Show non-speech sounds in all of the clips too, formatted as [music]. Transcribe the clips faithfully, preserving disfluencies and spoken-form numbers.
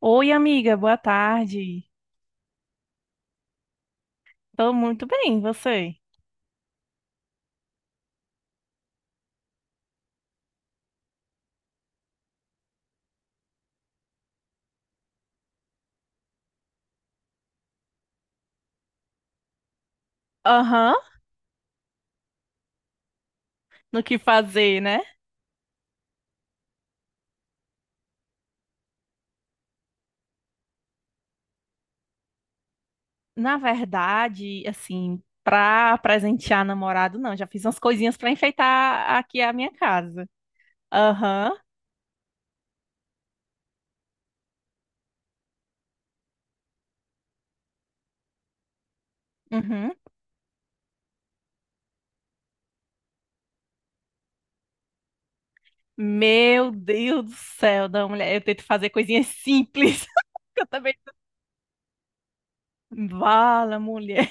Oi, amiga, boa tarde. Tô muito bem, e você? Aham, no que fazer, né? Na verdade, assim, pra presentear namorado, não, já fiz umas coisinhas pra enfeitar aqui a minha casa. Aham, uhum. Meu Deus do céu, da mulher, eu tento fazer coisinhas simples. [laughs] que Eu também. Vala, mulher.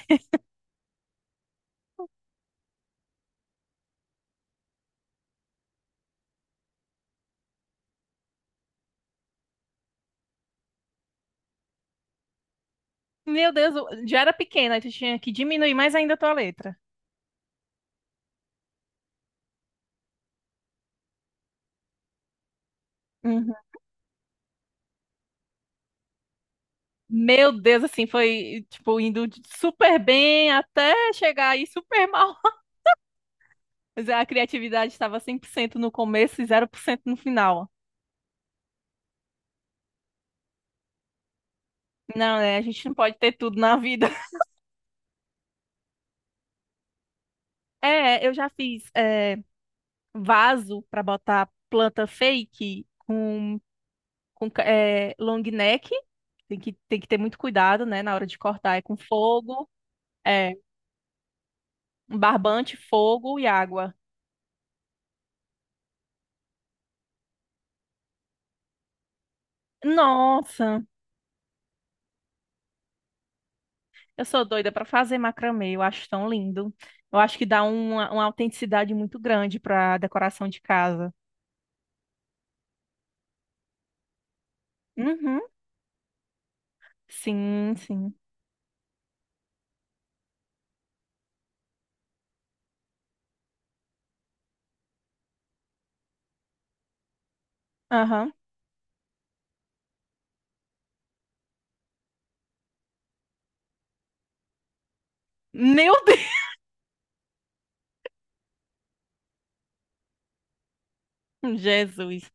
Meu Deus, eu já era pequena, aí tu tinha que diminuir mais ainda a tua letra. Meu Deus, assim, foi, tipo, indo de super bem até chegar aí super mal. [laughs] Mas a criatividade estava cem por cento no começo e zero por cento no final. Não, né? A gente não pode ter tudo na vida. [laughs] É, eu já fiz é, vaso para botar planta fake com, com ca- é, long neck. Tem que, tem que ter muito cuidado, né? Na hora de cortar, é com fogo, é, um barbante, fogo e água. Nossa! Eu sou doida para fazer macramê, eu acho tão lindo. Eu acho que dá uma, uma autenticidade muito grande para decoração de casa. Uhum, sim, sim. Aham. Meu Deus, [laughs] Jesus.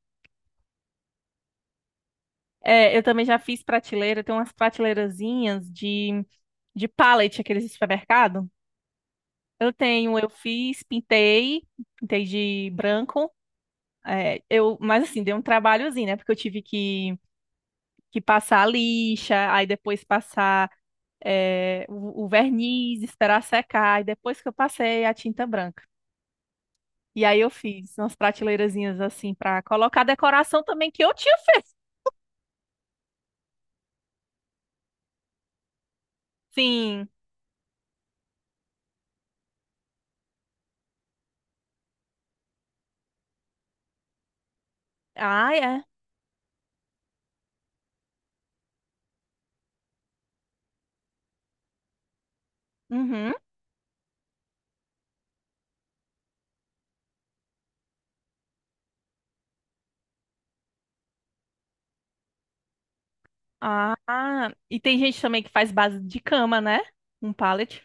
É, eu também já fiz prateleira, tem umas prateleirazinhas de, de pallet, aqueles de supermercado. Eu tenho, eu fiz, pintei, pintei de branco. É, eu, mas assim, deu um trabalhozinho, né? Porque eu tive que, que passar a lixa, aí depois passar eh, o, o verniz, esperar secar, e depois que eu passei a tinta branca. E aí eu fiz umas prateleirazinhas assim para colocar a decoração também que eu tinha feito. Sim. Ah, é. Uhum. Ah, e tem gente também que faz base de cama, né? Um pallet.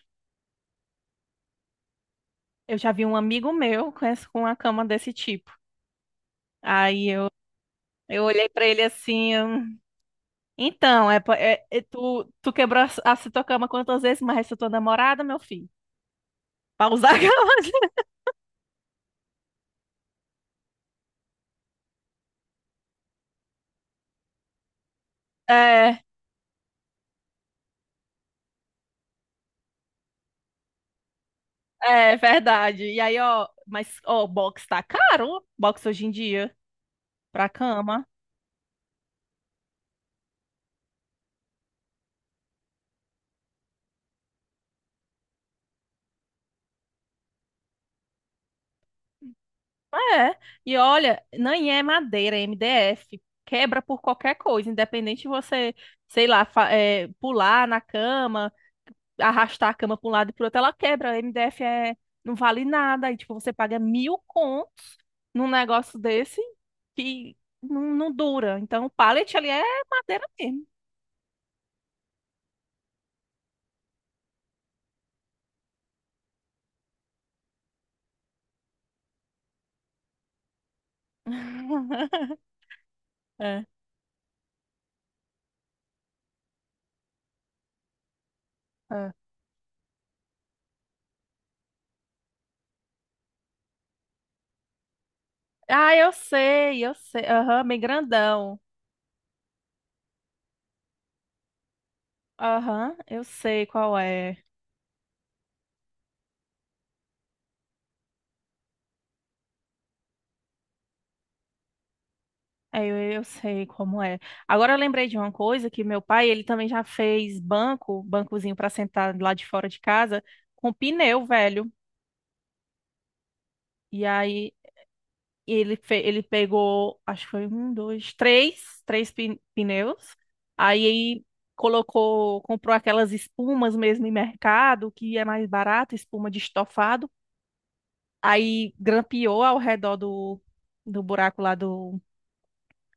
Eu já vi um amigo meu com essa- com uma cama desse tipo. Aí eu, eu olhei pra ele assim, eu, então, é, pa- é- é tu, tu quebrou a, a tua cama quantas vezes, mas essa é tua namorada, meu filho? Pra usar a cama. [laughs] É. É verdade. E aí, ó, mas, ó, box tá caro, box hoje em dia, pra cama. É. E olha, nem é madeira, é M D F. Quebra por qualquer coisa, independente de você, sei lá, fa- é, pular na cama, arrastar a cama pra um lado e pro outro, ela quebra. M D F é, não vale nada. E, tipo, você paga mil contos num negócio desse que não, não dura. Então, o pallet ali é madeira mesmo. [laughs] É. Ah, eu sei, eu sei. Aham, bem grandão. Aham, eu sei qual é. É, Eu, eu sei como é. Agora eu lembrei de uma coisa que meu pai, ele também já fez banco, bancozinho para sentar lá de fora de casa, com pneu, velho. E aí ele, fe, ele pegou, acho que foi um, dois, três, três pin- pneus. Aí colocou, comprou aquelas espumas mesmo em mercado, que é mais barato, espuma de estofado aí grampeou ao redor do, do buraco lá do,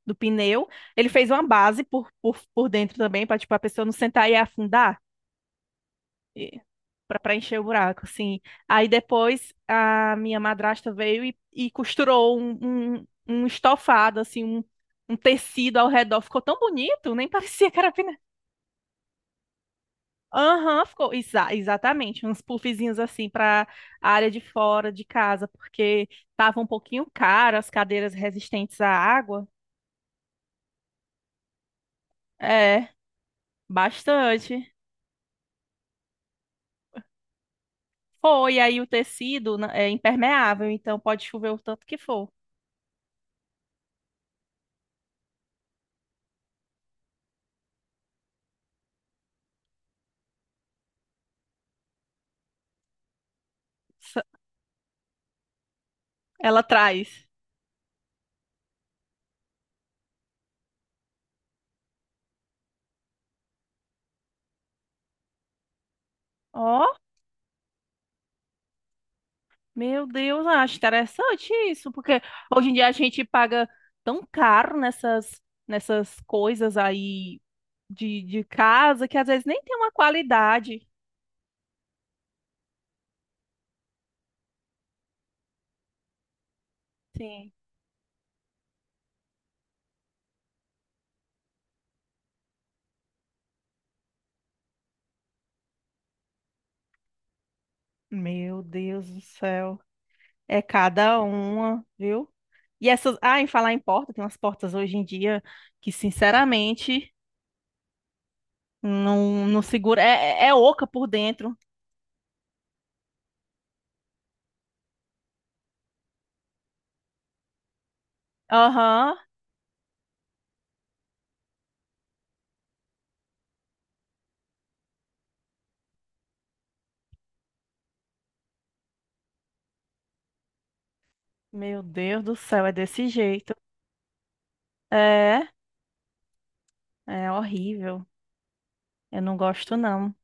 do pneu. Ele fez uma base por, por, por dentro também, para tipo, a pessoa não sentar e afundar, para preencher o buraco, assim. Aí depois a minha madrasta veio e, e costurou um, um, um estofado, assim, um, um tecido ao redor. Ficou tão bonito, nem [laughs] parecia que era pneu. Aham, ficou exa- exatamente, uns puffzinhos assim para a área de fora de casa, porque tava um pouquinho caro as cadeiras resistentes à água. É, bastante. Foi, aí o tecido né, é impermeável, então pode chover o tanto que for. S- Ela traz. Ó, meu Deus, acho interessante isso, porque hoje em dia a gente paga tão caro nessas nessas coisas aí de, de casa que às vezes nem tem uma qualidade. Sim. Meu Deus do céu. É cada uma, viu? E essas. Ah, em falar em porta, tem umas portas hoje em dia que, sinceramente, não, não segura. É, é é oca por dentro. Aham. Meu Deus do céu, é desse jeito. É, é horrível. Eu não gosto, não.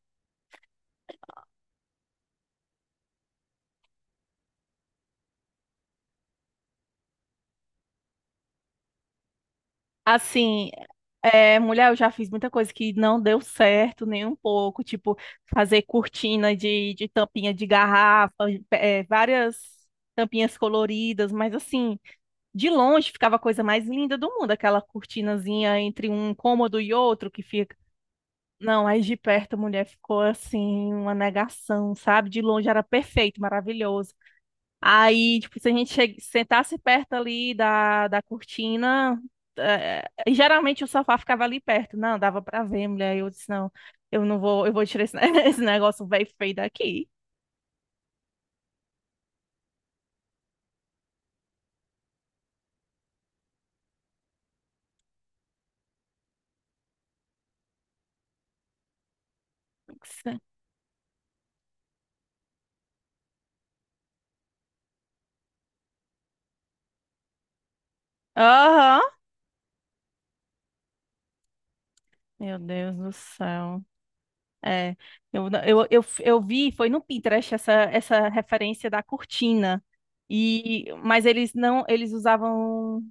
Assim, é, mulher, eu já fiz muita coisa que não deu certo nem um pouco, tipo fazer cortina de, de tampinha de garrafa, é, várias tampinhas coloridas, mas assim, de longe ficava a coisa mais linda do mundo, aquela cortinazinha entre um cômodo e outro que fica. Não, aí de perto a mulher ficou assim, uma negação, sabe? De longe era perfeito, maravilhoso. Aí, tipo, se a gente che- sentasse perto ali da, da cortina, eh, e geralmente o sofá ficava ali perto. Não, dava pra ver, mulher. Eu disse, não, eu não vou, eu vou tirar esse, ne- [laughs] esse negócio velho feio daqui. Aham. Meu Deus do céu. É, eu, não- eu, eu, eu vi, foi no Pinterest essa, essa referência da cortina. E, mas eles não, eles usavam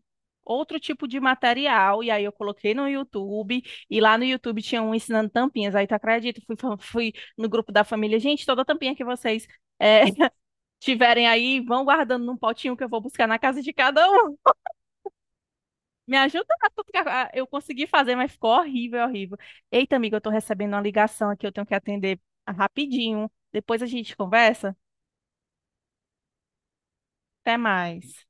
outro tipo de material, e aí eu coloquei no YouTube, e lá no YouTube tinha um ensinando tampinhas, aí tu acredita, fui, fa- fui no grupo da família, gente, toda tampinha que vocês é, [laughs] tiverem aí, vão guardando num potinho que eu vou buscar na casa de cada um, me ajuda, a tu ficar- a- eu consegui fazer, mas ficou horrível, horrível. Eita, amiga, eu tô recebendo uma ligação aqui, eu tenho que atender rapidinho, depois a gente conversa, até mais.